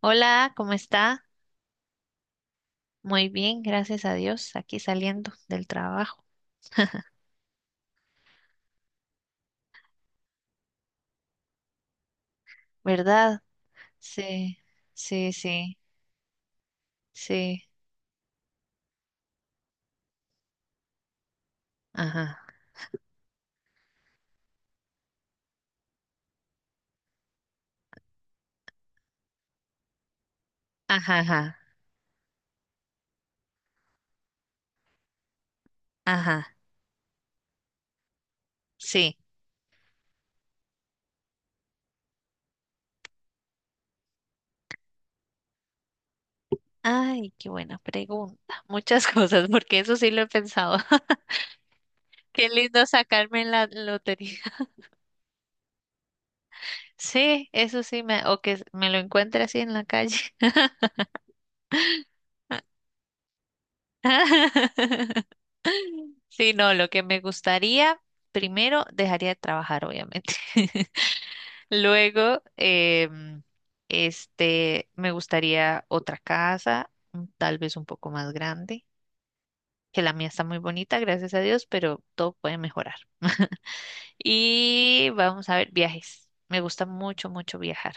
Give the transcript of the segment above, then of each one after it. Hola, ¿cómo está? Muy bien, gracias a Dios, aquí saliendo del trabajo, ¿verdad? Sí, sí, sí, sí, ajá, ajá, ajá, ajá, sí. Ay, qué buena pregunta. Muchas cosas, porque eso sí lo he pensado. Qué lindo sacarme en la lotería. Sí, eso sí, o que me lo encuentre así en la calle. Sí, no, lo que me gustaría, primero dejaría de trabajar, obviamente. Luego, me gustaría otra casa, mm, tal vez un poco más grande, que la mía está muy bonita, gracias a Dios, pero todo puede mejorar. Y vamos a ver, viajes. Me gusta mucho, mucho viajar.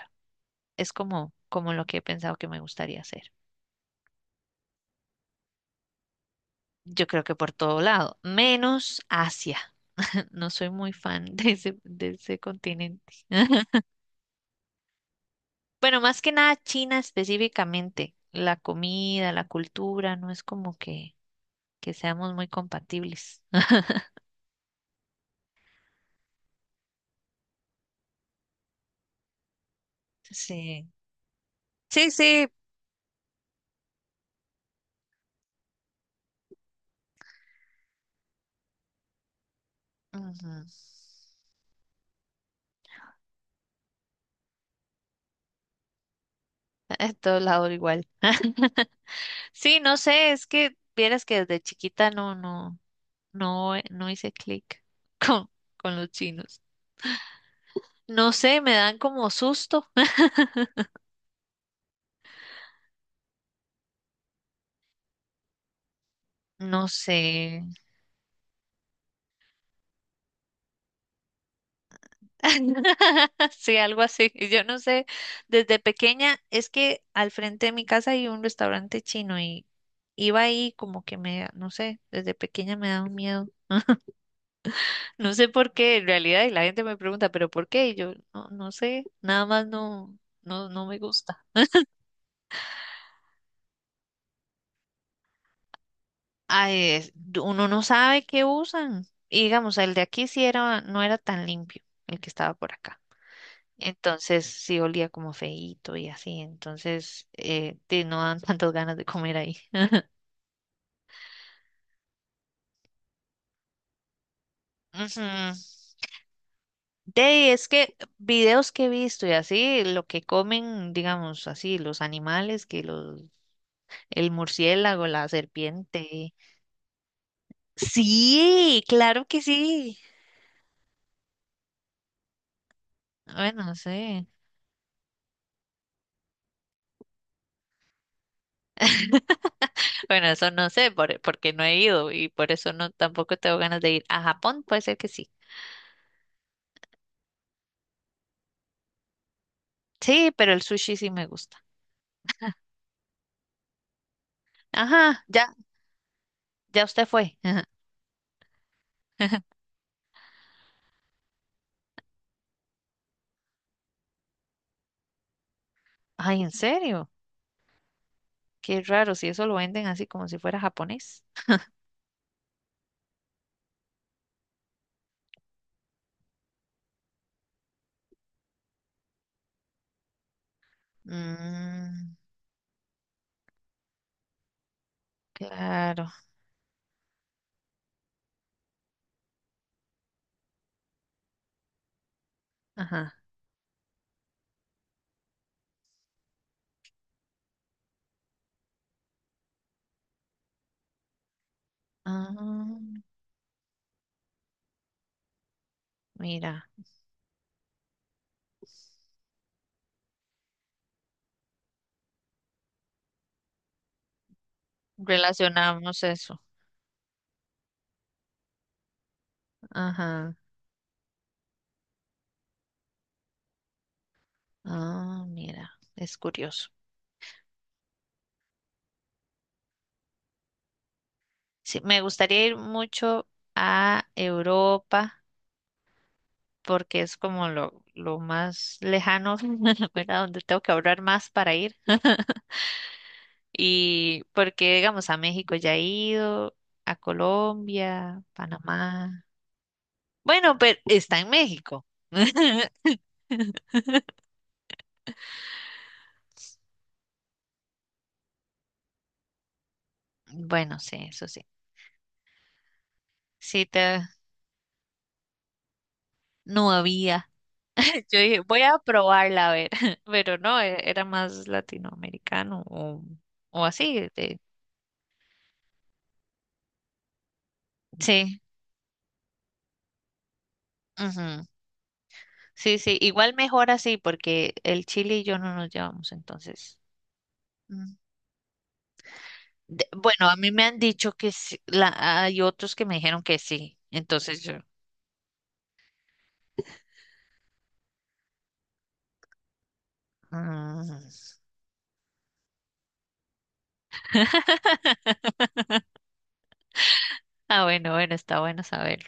Es como lo que he pensado que me gustaría hacer. Yo creo que por todo lado, menos Asia. No soy muy fan de ese continente. Bueno, más que nada China específicamente. La comida, la cultura, no es como que seamos muy compatibles. Sí, sí, sí. Ujú. En todo lado igual. Sí, no sé, es que vieras que desde chiquita no, no, no, no hice clic con, con los chinos. No sé, me dan como susto. No sé. Sí, algo así. Yo no sé. Desde pequeña es que al frente de mi casa hay un restaurante chino y iba ahí como que me, no sé, desde pequeña me da un miedo. No sé por qué, en realidad, y la gente me pregunta, ¿pero por qué? Y yo, no, no sé, nada más no, no, no me gusta. Ay, uno no sabe qué usan. Y digamos, el de aquí sí era, no era tan limpio, el que estaba por acá. Entonces sí olía como feíto y así. Entonces, no dan tantas ganas de comer ahí. Ujú. De ahí, es que videos que he visto y así, lo que comen, digamos así, los animales, el murciélago, la serpiente. Sí, claro que sí. Bueno, sí. Bueno, eso no sé, porque no he ido y por eso no tampoco tengo ganas de ir. A Japón puede ser que sí. Sí, pero el sushi sí me gusta. Ajá, ya, ya usted fue. Ay, ¿en serio? Qué raro, si eso lo venden así como si fuera japonés. Mm, claro. Ajá. Ah, mira, relacionamos eso. Ajá. Ah, mira, es curioso. Sí, me gustaría ir mucho a Europa porque es como lo más lejano, ¿verdad? Donde tengo que ahorrar más para ir. Y porque, digamos, a México ya he ido, a Colombia, Panamá. Bueno, pero está en México. Bueno, sí, eso sí. Sí, te... no había. Yo dije, voy a probarla a ver, pero no, era más latinoamericano o así. Sí. Ujú. Sí, sí, igual mejor así porque el Chile y yo no nos llevamos entonces. Mm. Bueno, a mí me han dicho que sí, la, hay otros que me dijeron que sí, entonces yo. Mm. Ah, bueno, bueno, está bueno saberlo.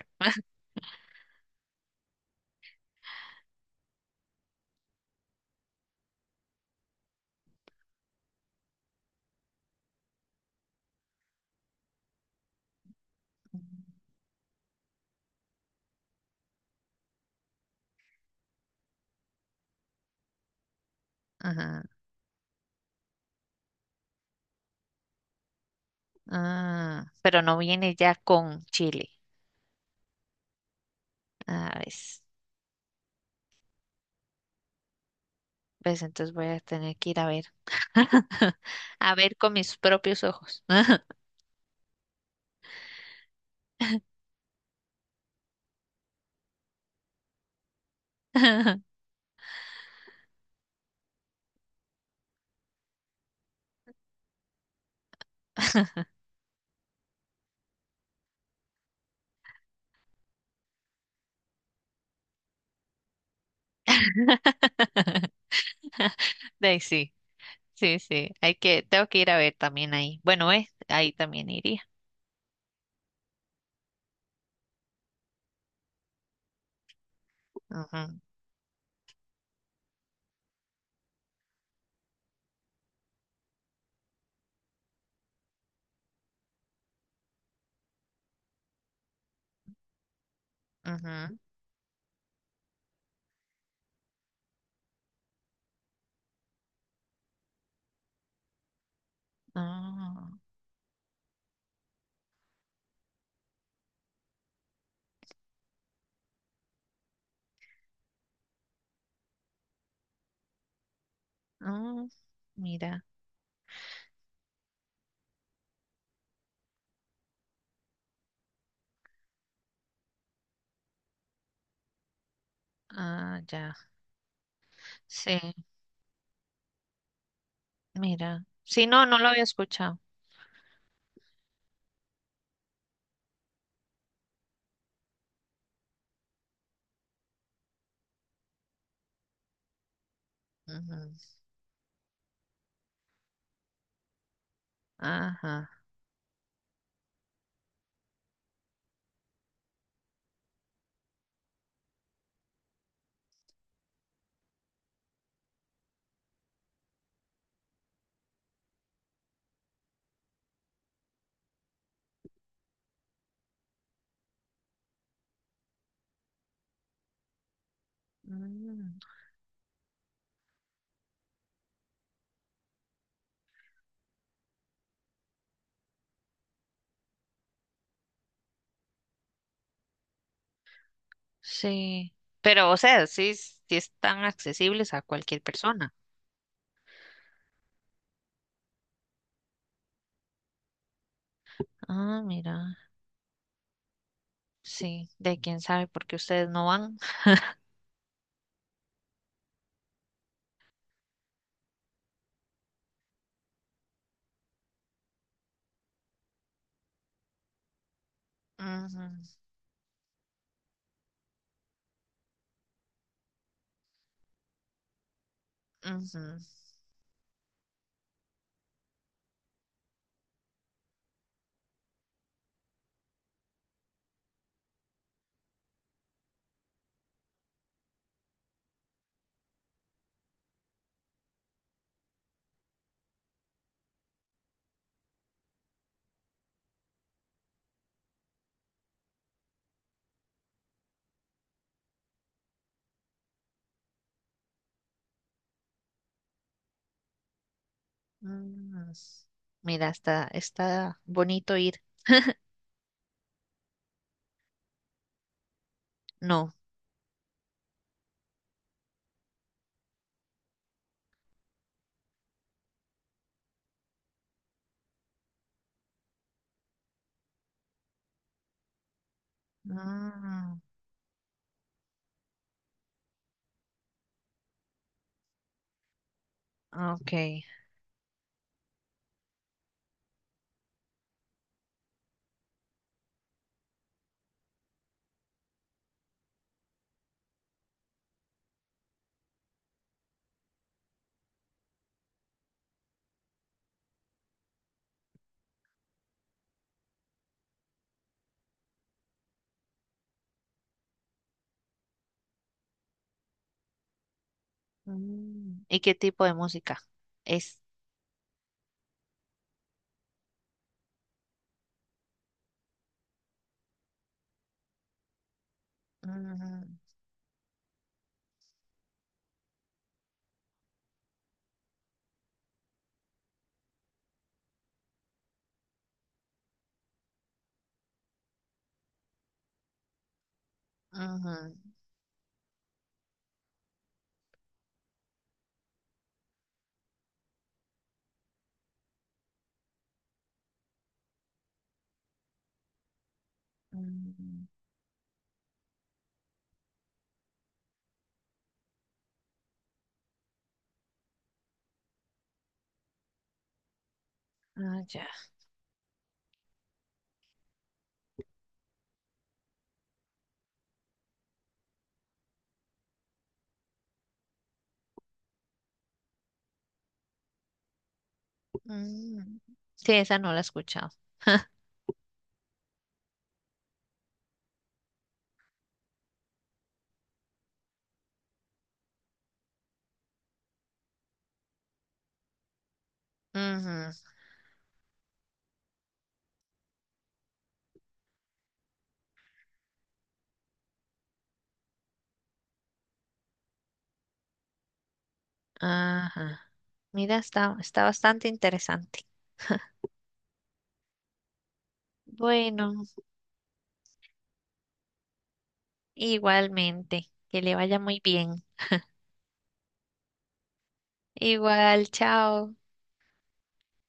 Ajá. Ah, pero no viene ya con Chile. Ah, ves. Ves, entonces voy a tener que ir a ver. A ver con mis propios ojos. De ahí sí, sí, sí. Hay que, tengo que ir a ver también ahí. Bueno, ahí también iría. Ajá, ajá. Ah, ah, mira. Ah, ya. Sí, mira. Sí, no, no lo había escuchado. Ujú, ajá. Mm, sí. Pero, o sea, sí, sí están accesibles a cualquier persona. Ah, mira. Sí, de quién sabe por qué ustedes no van. Ujú, ujú, mm. Mira, está, está bonito ir. No. Mm, ok. Mm, ¿y qué tipo de música es? Mm, ujú, mm, ah, ya. Mm. Sí, esa no la he escuchado. Ujú, ajá. Mira, está, está bastante interesante. Bueno, igualmente, que le vaya muy bien. Igual, chao.